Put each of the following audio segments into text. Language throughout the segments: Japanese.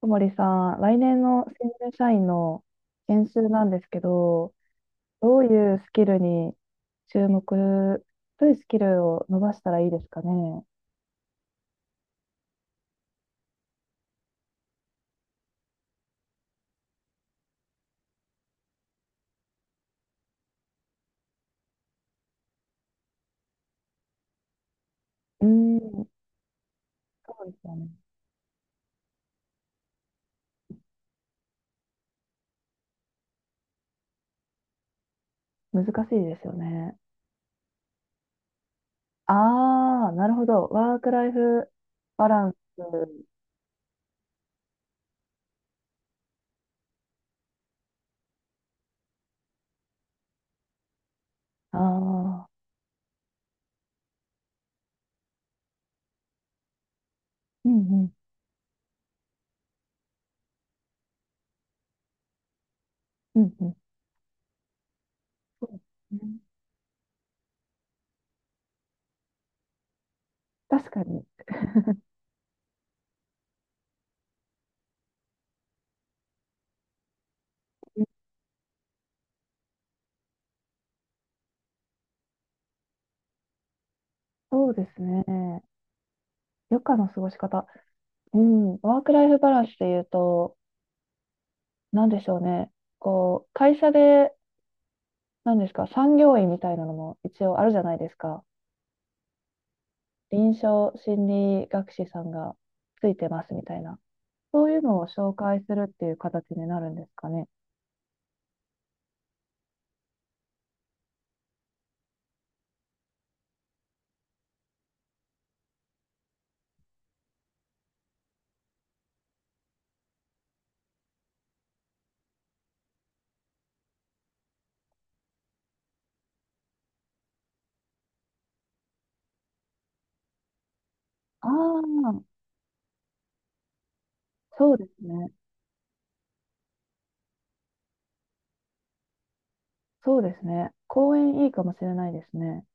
小森さん、来年の新入社員の研修なんですけど、どういうスキルに注目、どういうスキルを伸ばしたらいいですかね。うーん、そうですよね。難しいですよね。ああ、なるほど。ワークライフバランス。ああ、うんうん、うんうん。そうですね、確かに。そうですね。余暇の過ごし方。うん。ワークライフバランスで言うと、なんでしょうね。こう、会社で、なんですか、産業医みたいなのも一応あるじゃないですか。臨床心理学士さんがついてますみたいな。そういうのを紹介するっていう形になるんですかね。ああ、そうですね。そうですね。講演いいかもしれないですね。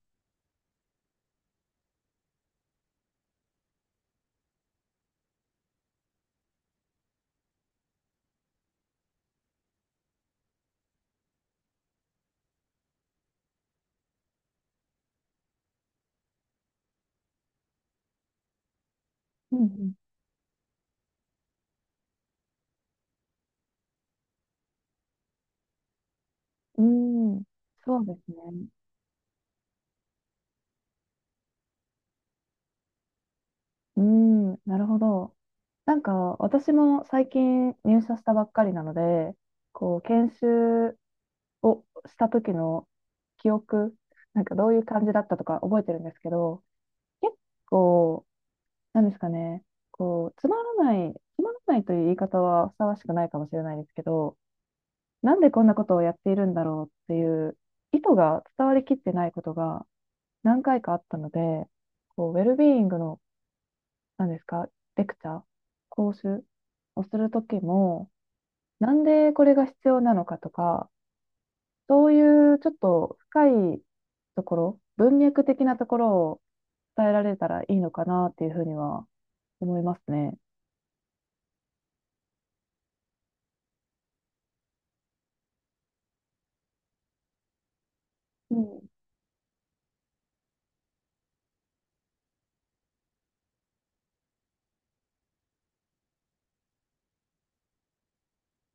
うんうん。そうですね。うーなるほど。なんか、私も最近入社したばっかりなので、こう、研修をした時の記憶、なんかどういう感じだったとか覚えてるんですけど、結構、なんですかね、こう、つまらないという言い方はふさわしくないかもしれないですけど、なんでこんなことをやっているんだろうっていう意図が伝わりきってないことが何回かあったので、こう、ウェルビーイングの、なんですか、レクチャー、講習をする時も、なんでこれが必要なのかとか、そういうちょっと深いところ、文脈的なところを伝えられたらいいのかなっていうふうには思いますね。うん。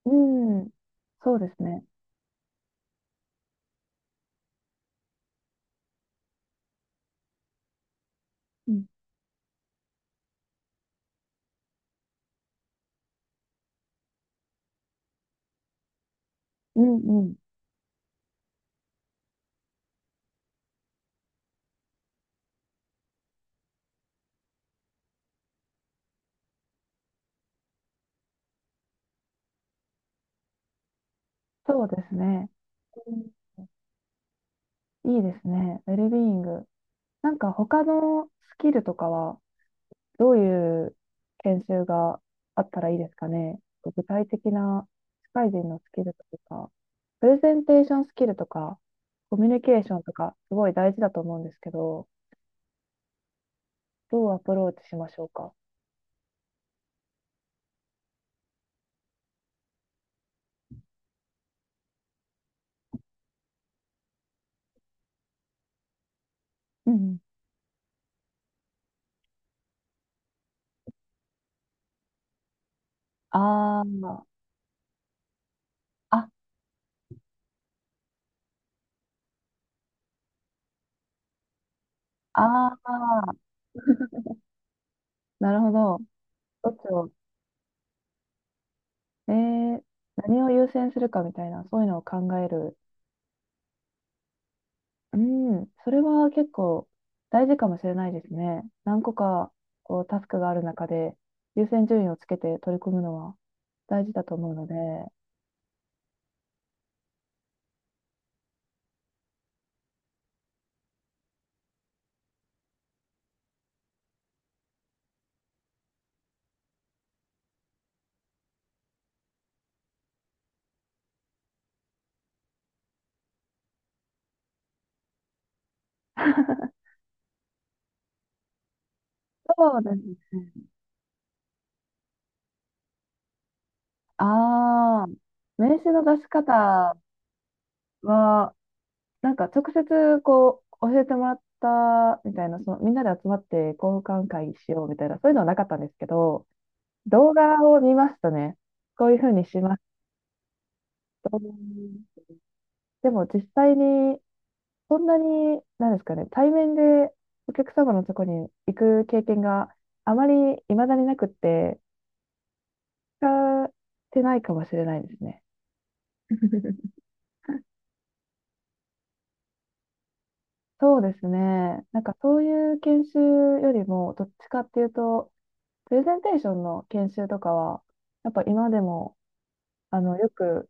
うん。そうですね。うん。うんうん。そうですね。うん、いいですね。ウェルビーイング。なんか他のスキルとかはどういう研修があったらいいですかね。具体的な社会人のスキルとか、プレゼンテーションスキルとか、コミュニケーションとか、すごい大事だと思うんですけど、どうアプローチしましょうか。うんうん、あー、あ、あー、なるほど。どっちを、えー、何を優先するかみたいな、そういうのを考える。うん、それは結構大事かもしれないですね。何個かこうタスクがある中で優先順位をつけて取り組むのは大事だと思うので。そうですね。ああ、名刺の出し方は、なんか直接こう教えてもらったみたいな、そのみんなで集まって交換会しようみたいな、そういうのはなかったんですけど、動画を見ますとね、こういうふうにしますと、でも実際にそんなに、なんですかね、対面でお客様のとこに行く経験があまり未だになくって、使ってないかもしれないですね。そうですね。なんかそういう研修よりも、どっちかっていうと、プレゼンテーションの研修とかは、やっぱ今でも、あの、よく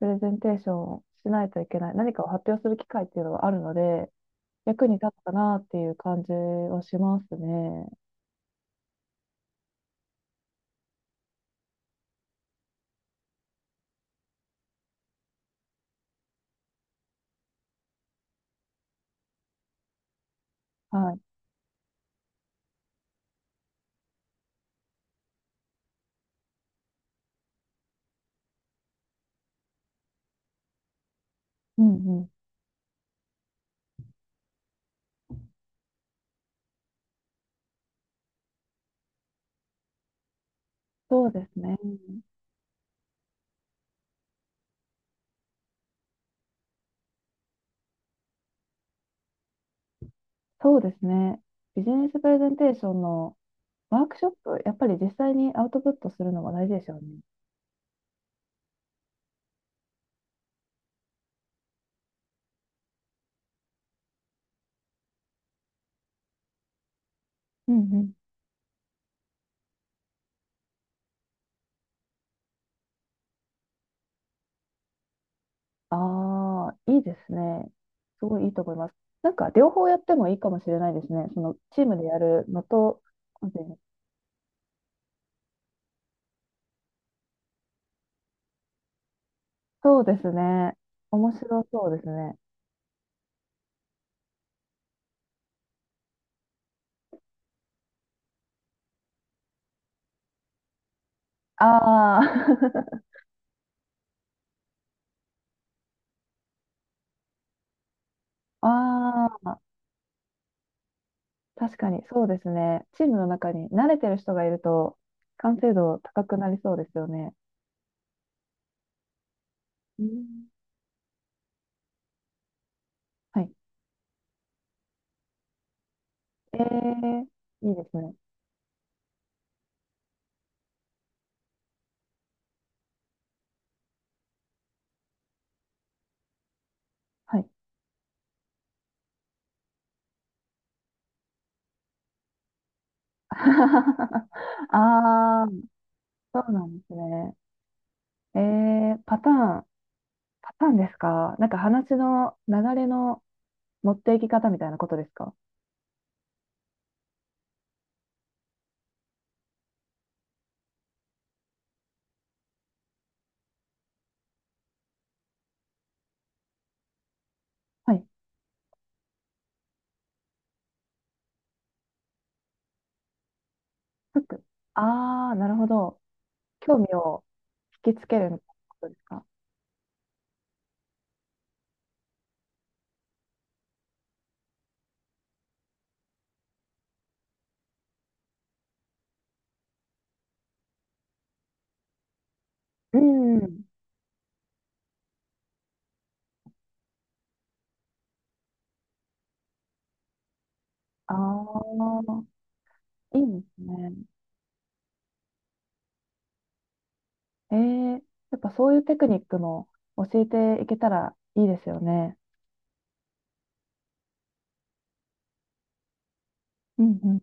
プレゼンテーションをしないといけない、何かを発表する機会っていうのはあるので、役に立ったなっていう感じはしますね。はい。うんうん。そうですね。そうですね。ビジネスプレゼンテーションのワークショップ、やっぱり実際にアウトプットするのが大事でしょうね。うんうん。ああ、いいですね。すごいいいと思います。なんか両方やってもいいかもしれないですね。そのチームでやるのと、個人で。そうですね。面白そうですね。ああ、ああ、確かにそうですね。チームの中に慣れてる人がいると、完成度高くなりそうですよね。うん、はい。ええ、いいですね。はい。ああ、そうなんですね。えー、パターン、パターンですか、なんか話の流れの持っていき方みたいなことですか。はい。フック。ああ、なるほど。興味を引きつけるみたいなことですか。うん。ああ、いいですね。えー、やっぱそういうテクニックも教えていけたらいいですよね。うん